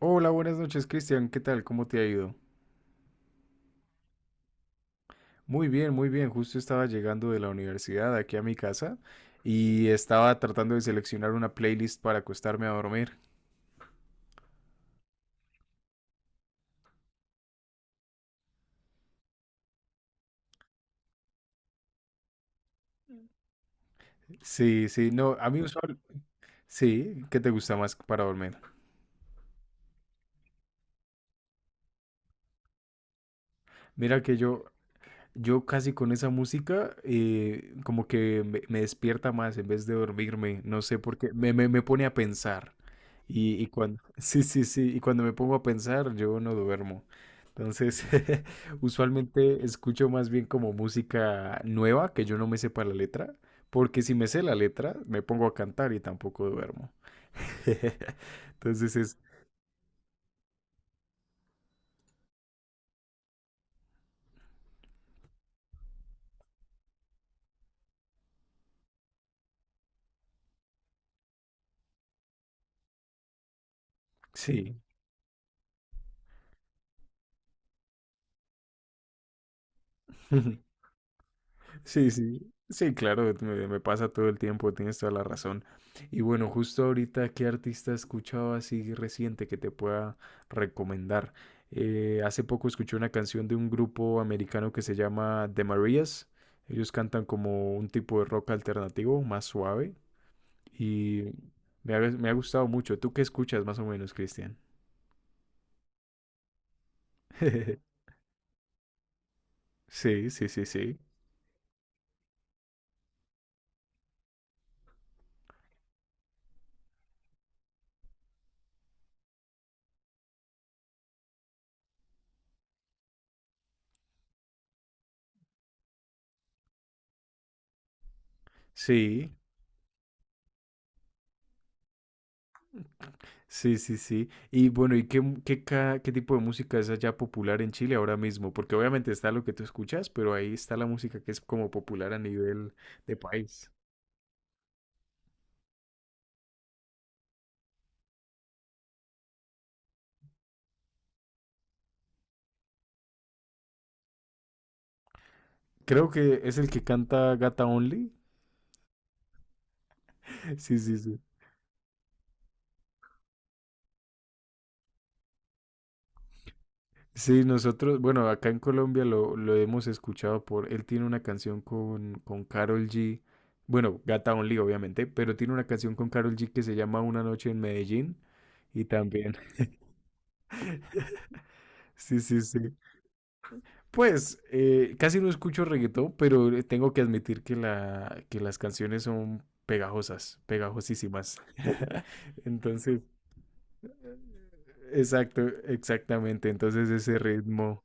Hola, buenas noches, Cristian. ¿Qué tal? ¿Cómo te ha ido? Muy bien, muy bien. Justo estaba llegando de la universidad aquí a mi casa y estaba tratando de seleccionar una playlist para acostarme a dormir. Sí, sí, no, a mí usual. Sí, ¿qué te gusta más para dormir? Mira que yo, Yo casi con esa música como que me despierta más en vez de dormirme, no sé por qué, me pone a pensar. Y cuando, sí, sí, sí, y cuando me pongo a pensar, yo no duermo. Entonces, usualmente escucho más bien como música nueva, que yo no me sepa la letra, porque si me sé la letra, me pongo a cantar y tampoco duermo. Entonces es, sí. Sí, sí, sí, claro, me pasa todo el tiempo, tienes toda la razón. Y bueno, justo ahorita, ¿qué artista escuchaba así reciente que te pueda recomendar? Hace poco escuché una canción de un grupo americano que se llama The Marías. Ellos cantan como un tipo de rock alternativo, más suave, y me ha gustado mucho. ¿Tú qué escuchas más o menos, Cristian? Sí, sí, sí, sí. Sí, sí, sí, sí. Y bueno, ¿y qué, mu- qué, ca- qué tipo de música es allá popular en Chile ahora mismo? Porque obviamente está lo que tú escuchas, pero ahí está la música que es como popular a nivel de país. Creo que es el que canta Gata Only. Sí, sí, sí. Sí, nosotros, bueno, acá en Colombia lo hemos escuchado por, él tiene una canción con Karol G, bueno, Gata Only obviamente, pero tiene una canción con Karol G que se llama Una noche en Medellín y también, sí, sí, sí. Pues casi no escucho reggaetón, pero tengo que admitir que, que las canciones son pegajosas, pegajosísimas. Entonces, exacto, exactamente. Entonces ese ritmo,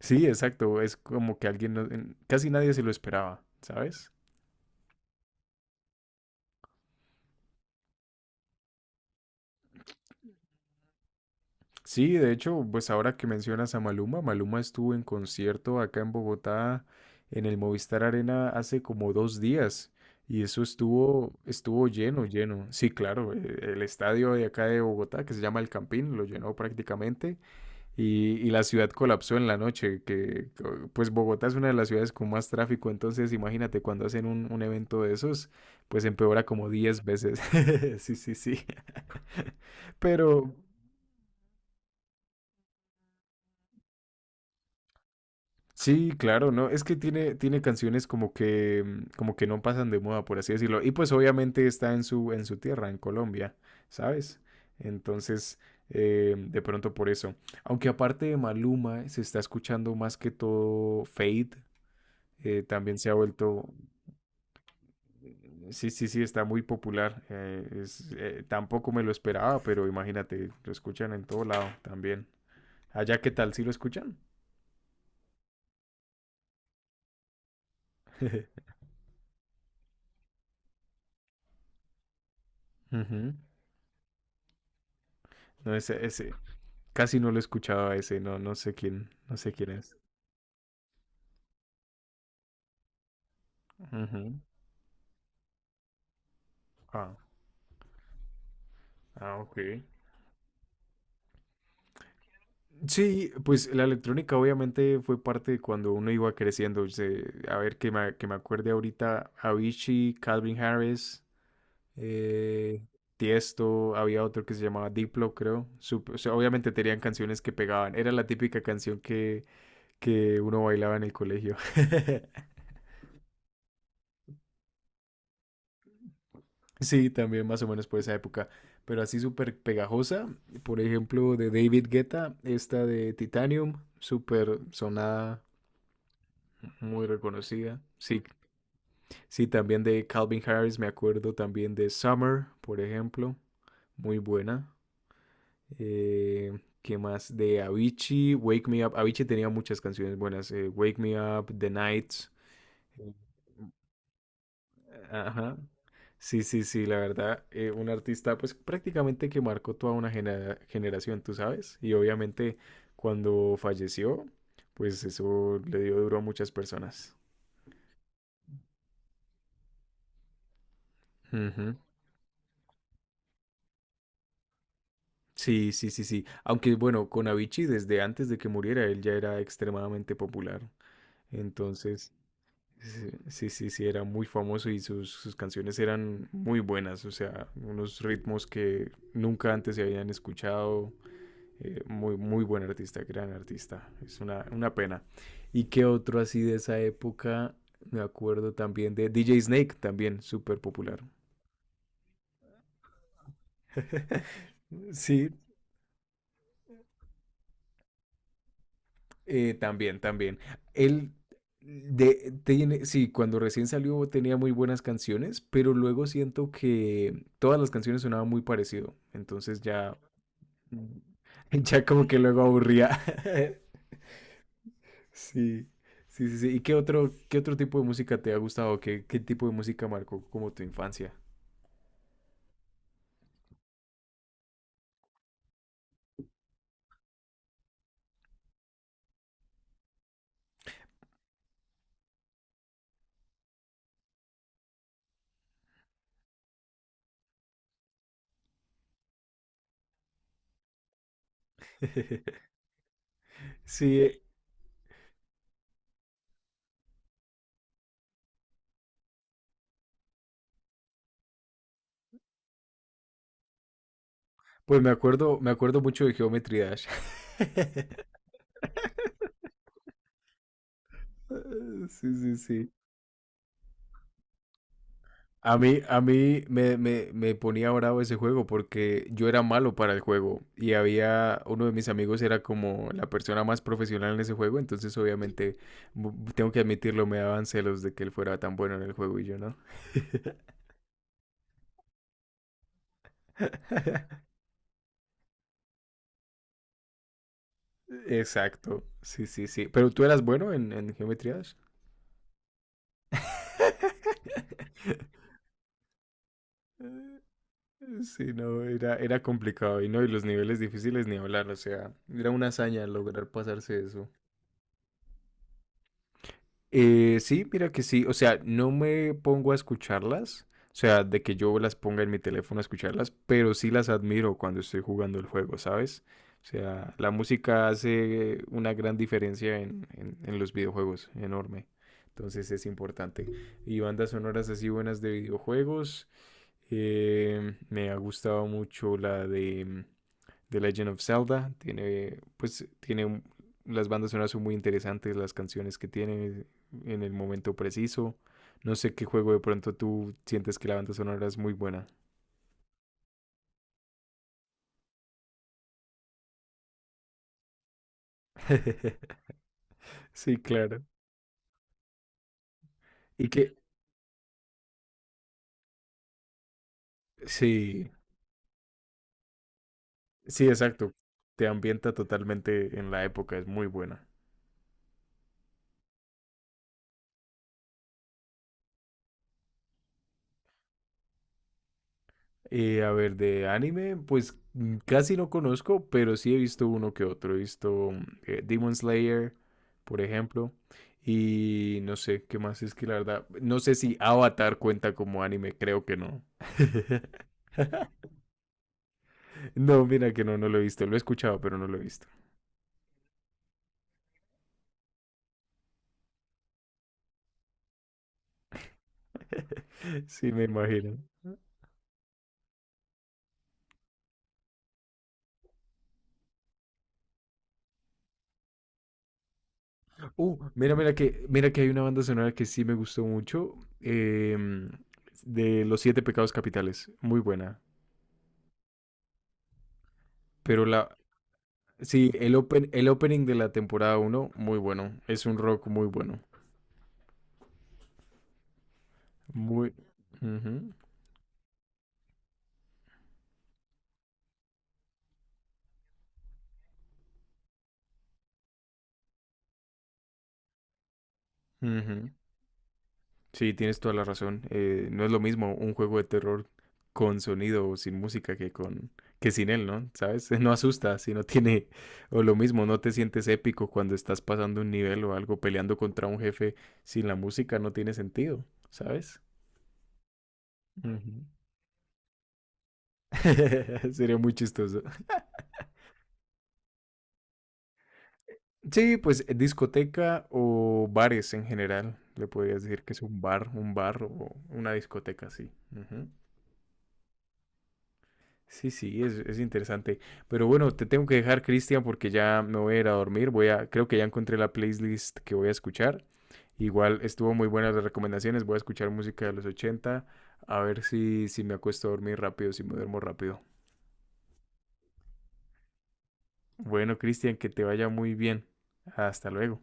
sí, exacto, es como que alguien, casi nadie se lo esperaba, ¿sabes? Sí, de hecho, pues ahora que mencionas a Maluma, Maluma estuvo en concierto acá en Bogotá, en el Movistar Arena, hace como 2 días, y eso estuvo, estuvo lleno, lleno. Sí, claro, el estadio de acá de Bogotá, que se llama El Campín, lo llenó prácticamente, y la ciudad colapsó en la noche, que pues Bogotá es una de las ciudades con más tráfico, entonces imagínate cuando hacen un evento de esos, pues empeora como 10 veces. Sí, sí, sí. Pero, sí, claro, ¿no? Es que tiene, tiene canciones como que, como que no pasan de moda, por así decirlo. Y pues obviamente está en su tierra, en Colombia, ¿sabes? Entonces, de pronto por eso. Aunque aparte de Maluma, se está escuchando más que todo Fade. También se ha vuelto, sí, sí, sí, está muy popular. Tampoco me lo esperaba, pero imagínate, lo escuchan en todo lado también. Allá, ¿qué tal? ¿Sí lo escuchan? Ujú. No, ese, casi no lo escuchaba ese, no, no sé quién, no sé quién es. Ujú. Ah, ah, ok. Sí, pues la electrónica obviamente fue parte de cuando uno iba creciendo. A ver, que que me acuerde ahorita, Avicii, Calvin Harris, eh, Tiesto, había otro que se llamaba Diplo, creo. O sea, obviamente tenían canciones que pegaban. Era la típica canción que uno bailaba en el colegio. Sí, también más o menos por esa época, pero así súper pegajosa, por ejemplo, de David Guetta, esta de Titanium, súper sonada, muy reconocida. Sí, sí, también de Calvin Harris, me acuerdo también de Summer, por ejemplo, muy buena. Eh, ¿Qué más? De Avicii, Wake Me Up. Avicii tenía muchas canciones buenas, Wake Me Up, The Nights. eh, Ajá. Sí, sí, sí, la verdad, un artista pues prácticamente que marcó toda una generación, tú sabes, y obviamente cuando falleció, pues eso le dio duro a muchas personas. Ujú. Sí, sí, sí, sí. Aunque bueno, con Avicii desde antes de que muriera él ya era extremadamente popular. Entonces, sí, sí, sí, sí, era muy famoso y sus canciones eran muy buenas, o sea, unos ritmos que nunca antes se habían escuchado. Muy, muy buen artista, gran artista. Es una pena. ¿Y qué otro así de esa época? Me acuerdo también de DJ Snake, también súper popular. Sí, también, también. Él de, tiene, sí, cuando recién salió tenía muy buenas canciones, pero luego siento que todas las canciones sonaban muy parecido. Entonces ya, ya como que luego aburría. Sí, sí, sí, sí. ¿Y qué otro tipo de música te ha gustado? ¿Qué, qué tipo de música marcó como tu infancia? Sí, pues me acuerdo mucho de Geometry Dash. Sí, sí, sí. A mí me ponía bravo ese juego porque yo era malo para el juego y había uno de mis amigos era como la persona más profesional en ese juego, entonces obviamente tengo que admitirlo, me daban celos de que él fuera tan bueno en el juego y yo no. Exacto, sí, sí, sí. Pero tú eras bueno en Geometry Dash. Sí, no, era, era complicado y no, y los niveles difíciles ni hablar, o sea, era una hazaña lograr pasarse eso. Sí, mira que sí, o sea, no me pongo a escucharlas, o sea, de que yo las ponga en mi teléfono a escucharlas, pero sí las admiro cuando estoy jugando el juego, ¿sabes? O sea, la música hace una gran diferencia en los videojuegos, enorme. Entonces es importante. Y bandas sonoras así buenas de videojuegos. Me ha gustado mucho la de The Legend of Zelda. Tiene, pues, tiene las bandas sonoras son muy interesantes, las canciones que tiene en el momento preciso. No sé qué juego de pronto tú sientes que la banda sonora es muy buena. Sí, claro. Y que, sí, sí, exacto. Te ambienta totalmente en la época, es muy buena. A ver, de anime, pues casi no conozco, pero sí he visto uno que otro. He visto Demon Slayer, por ejemplo. Y no sé, ¿qué más es que la verdad? No sé si Avatar cuenta como anime, creo que no. No, mira que no, no lo he visto. Lo he escuchado, pero no lo he visto. Sí, me imagino. Mira, mira que hay una banda sonora que sí me gustó mucho. De Los Siete Pecados Capitales. Muy buena. Pero la, sí, el open, el opening de la temporada uno, muy bueno. Es un rock muy bueno. Muy. Ujú, ujú. Sí, tienes toda la razón. No es lo mismo un juego de terror con sonido o sin música que con que sin él, ¿no? ¿Sabes? No asusta si no tiene o lo mismo, no te sientes épico cuando estás pasando un nivel o algo peleando contra un jefe sin la música no tiene sentido, ¿sabes? Ujú. Sería muy chistoso. Sí, pues discoteca o bares en general. Le podrías decir que es un bar o una discoteca, sí. Ujú. Sí, sí, es interesante. Pero bueno, te tengo que dejar, Cristian, porque ya me voy a ir a dormir. Voy a, creo que ya encontré la playlist que voy a escuchar. Igual estuvo muy buenas las recomendaciones. Voy a escuchar música de los 80. A ver si, si me acuesto a dormir rápido, si me duermo rápido. Bueno, Cristian, que te vaya muy bien. Hasta luego.